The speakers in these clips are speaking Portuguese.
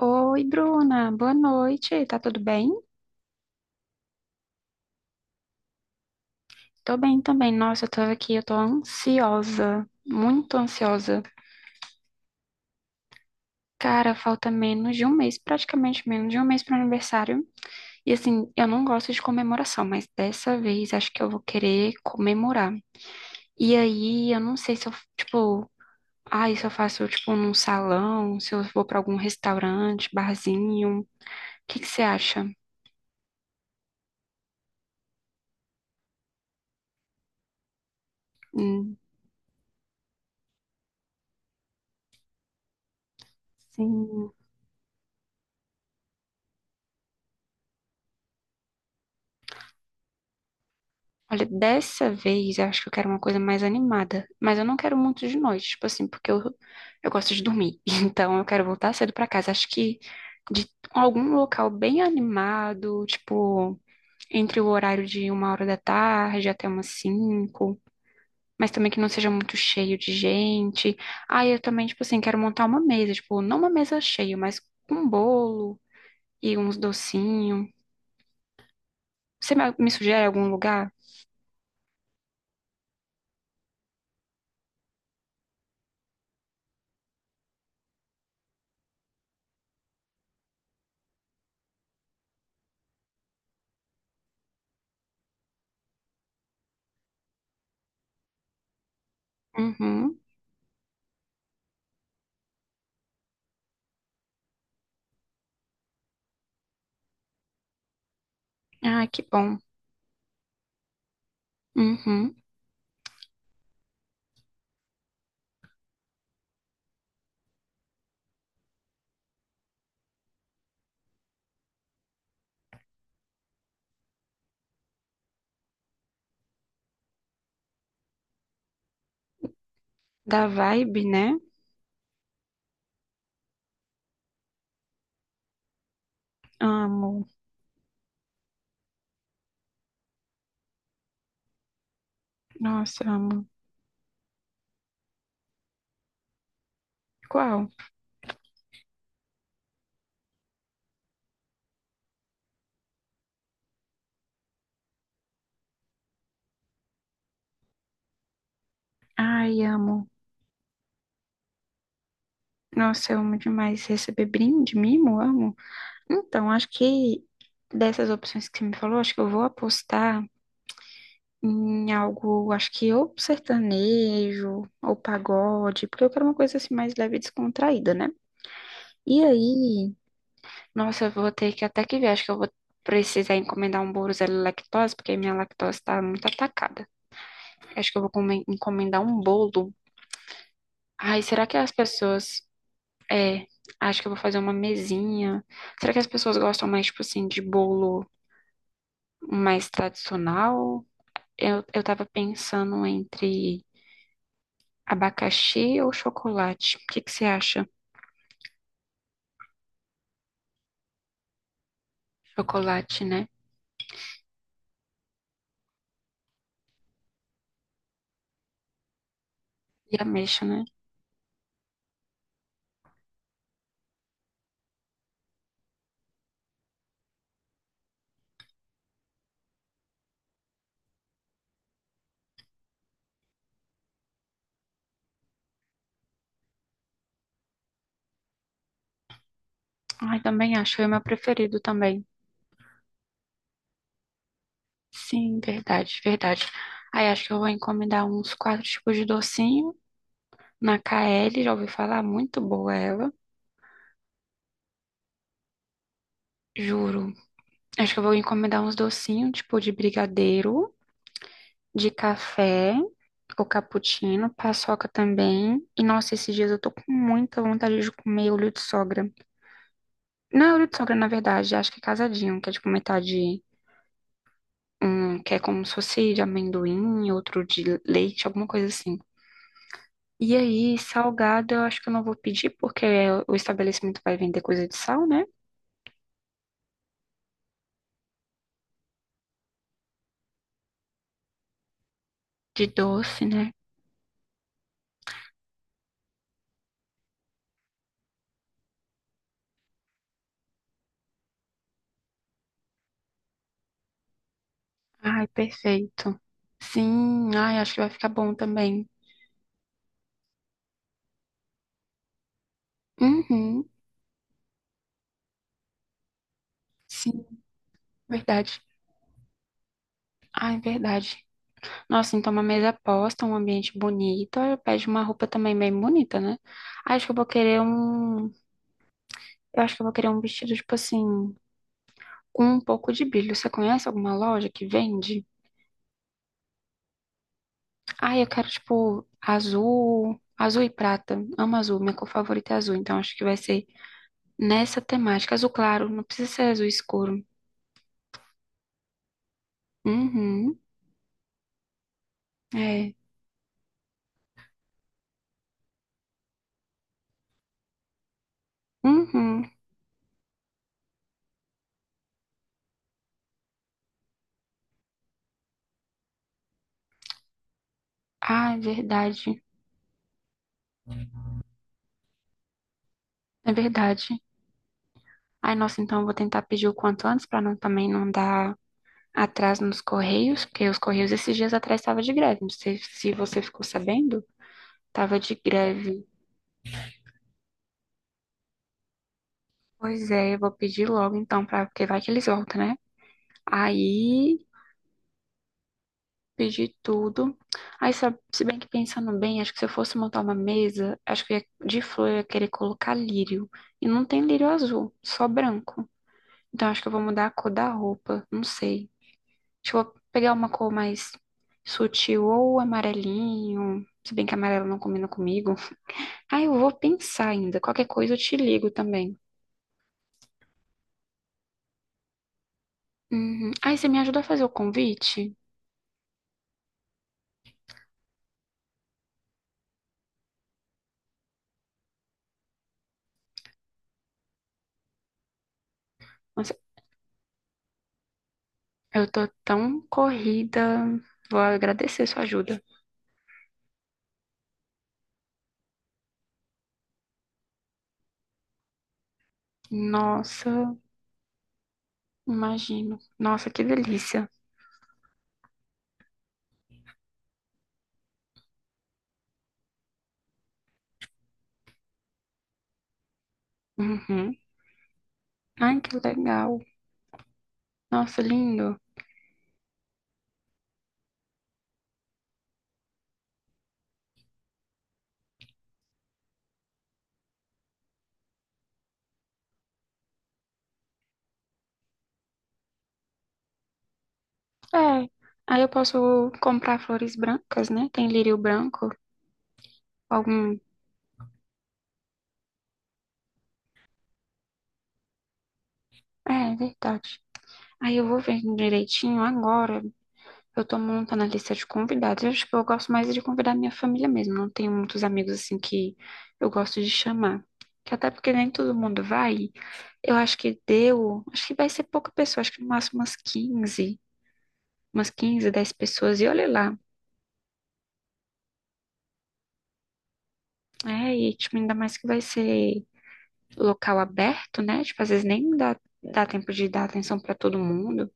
Oi, Bruna, boa noite. Tá tudo bem? Tô bem também. Nossa, eu tô ansiosa, muito ansiosa. Cara, falta menos de um mês, praticamente menos de um mês pro aniversário. E assim, eu não gosto de comemoração, mas dessa vez acho que eu vou querer comemorar. E aí, eu não sei tipo, se eu faço, tipo, num salão, se eu vou pra algum restaurante, barzinho. O que que você acha? Hum, sim. Olha, dessa vez eu acho que eu quero uma coisa mais animada, mas eu não quero muito de noite, tipo assim, porque eu gosto de dormir. Então eu quero voltar cedo pra casa. Acho que de algum local bem animado, tipo, entre o horário de uma hora da tarde até umas cinco, mas também que não seja muito cheio de gente. Ah, eu também, tipo assim, quero montar uma mesa, tipo, não uma mesa cheia, mas com um bolo e uns docinhos. Você me sugere algum lugar? Uhum. Ah, que bom. Uhum. Da vibe, né? Amo. Nossa, amo. Qual? Ai, amo. Nossa, eu amo demais receber brinde, mimo, amo. Então, acho que dessas opções que você me falou, acho que eu vou apostar em algo, acho que ou sertanejo, ou pagode, porque eu quero uma coisa assim mais leve e descontraída, né? E aí, nossa, eu vou ter que até que ver, acho que eu vou precisar encomendar um bolo zero lactose, porque minha lactose tá muito atacada. Acho que eu vou encomendar um bolo. Ai, será que as pessoas. É, acho que eu vou fazer uma mesinha. Será que as pessoas gostam mais, tipo assim, de bolo mais tradicional? Eu tava pensando entre abacaxi ou chocolate. O que que você acha? Chocolate, né? E ameixa, né? Ai, também acho. É o meu preferido também. Sim, verdade, verdade. Aí acho que eu vou encomendar uns quatro tipos de docinho na KL. Já ouvi falar, muito boa ela. Juro. Acho que eu vou encomendar uns docinhos, tipo de brigadeiro, de café, ou cappuccino, paçoca também. E nossa, esses dias eu tô com muita vontade de comer olho de sogra. Não é olho de sogra, na verdade, acho que é casadinho, que é tipo metade, um, que é como se fosse de amendoim, outro de leite, alguma coisa assim. E aí, salgado, eu acho que eu não vou pedir, porque o estabelecimento vai vender coisa de sal, né? De doce, né? Ai, perfeito. Sim, ai, acho que vai ficar bom também. Uhum. Sim, verdade. Ah, é verdade. Nossa, então uma mesa posta, um ambiente bonito, aí eu pede uma roupa também bem bonita, né? Acho que eu vou querer um, eu acho que eu vou querer um vestido tipo assim, com um pouco de brilho. Você conhece alguma loja que vende? Ah, eu quero tipo azul, azul e prata. Amo azul, minha cor favorita é azul, então acho que vai ser nessa temática, azul claro, não precisa ser azul escuro. Uhum. É. Uhum. Ah, é verdade. É verdade. Ai, nossa, então eu vou tentar pedir o quanto antes para não também não dar atraso nos correios, porque os correios esses dias atrás estava de greve. Não sei se você ficou sabendo, tava de greve. Pois é, eu vou pedir logo então para porque vai que eles voltam, né? Aí pedi tudo. Aí sabe, se bem que pensando bem, acho que se eu fosse montar uma mesa, acho que eu ia, de flor eu ia querer colocar lírio e não tem lírio azul, só branco. Então acho que eu vou mudar a cor da roupa, não sei. Deixa eu vou pegar uma cor mais sutil ou amarelinho. Se bem que amarelo não combina comigo. Ah, eu vou pensar ainda. Qualquer coisa eu te ligo também. Uhum. Ah, e você me ajuda a fazer o convite? Nossa, eu tô tão corrida. Vou agradecer sua ajuda. Nossa, imagino. Nossa, que delícia. Uhum. Ai, que legal. Nossa, lindo. É. Aí eu posso comprar flores brancas, né? Tem lírio branco. Algum. É, é verdade. Aí eu vou ver direitinho agora. Eu tô montando a lista de convidados. Eu acho que eu gosto mais de convidar minha família mesmo. Não tenho muitos amigos assim que eu gosto de chamar. Que até porque nem todo mundo vai. Eu acho que deu. Acho que vai ser pouca pessoa. Acho que no máximo umas 15, umas 15, 10 pessoas. E olha lá. É, e tipo, ainda mais que vai ser local aberto, né? Tipo, às vezes nem dá, dá tempo de dar atenção pra todo mundo.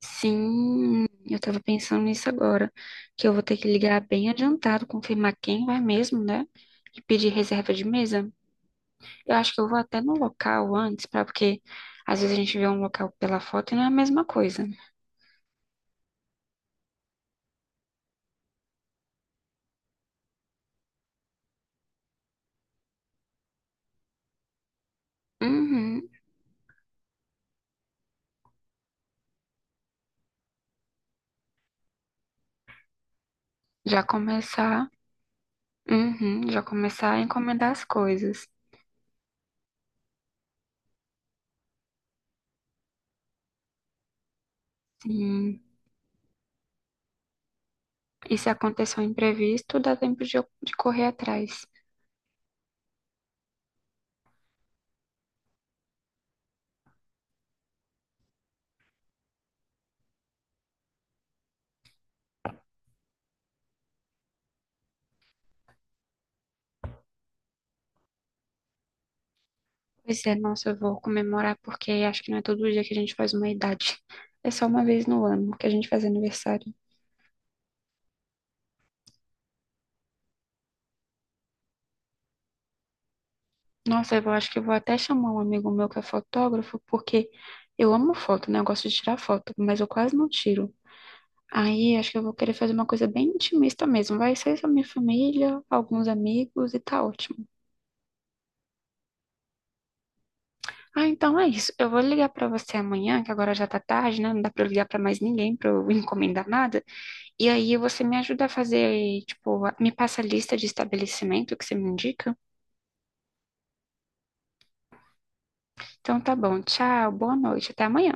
Sim, eu tava pensando nisso agora, que eu vou ter que ligar bem adiantado, confirmar quem vai mesmo, né? E pedir reserva de mesa. Eu acho que eu vou até no local antes, para porque às vezes a gente vê um local pela foto e não é a mesma coisa. Uhum, já começar, uhum, já começar a encomendar as coisas. Sim. E se acontecer um imprevisto, dá tempo de correr atrás. Pois é, nossa, eu vou comemorar porque acho que não é todo dia que a gente faz uma idade. É só uma vez no ano que a gente faz aniversário. Nossa, eu acho que eu vou até chamar um amigo meu que é fotógrafo, porque eu amo foto, né? Eu gosto de tirar foto, mas eu quase não tiro. Aí acho que eu vou querer fazer uma coisa bem intimista mesmo. Vai ser só minha família, alguns amigos e tá ótimo. Ah, então é isso. Eu vou ligar pra você amanhã, que agora já tá tarde, né? Não dá pra eu ligar pra mais ninguém pra eu encomendar nada. E aí você me ajuda a fazer, tipo, me passa a lista de estabelecimento que você me indica? Então tá bom, tchau, boa noite, até amanhã.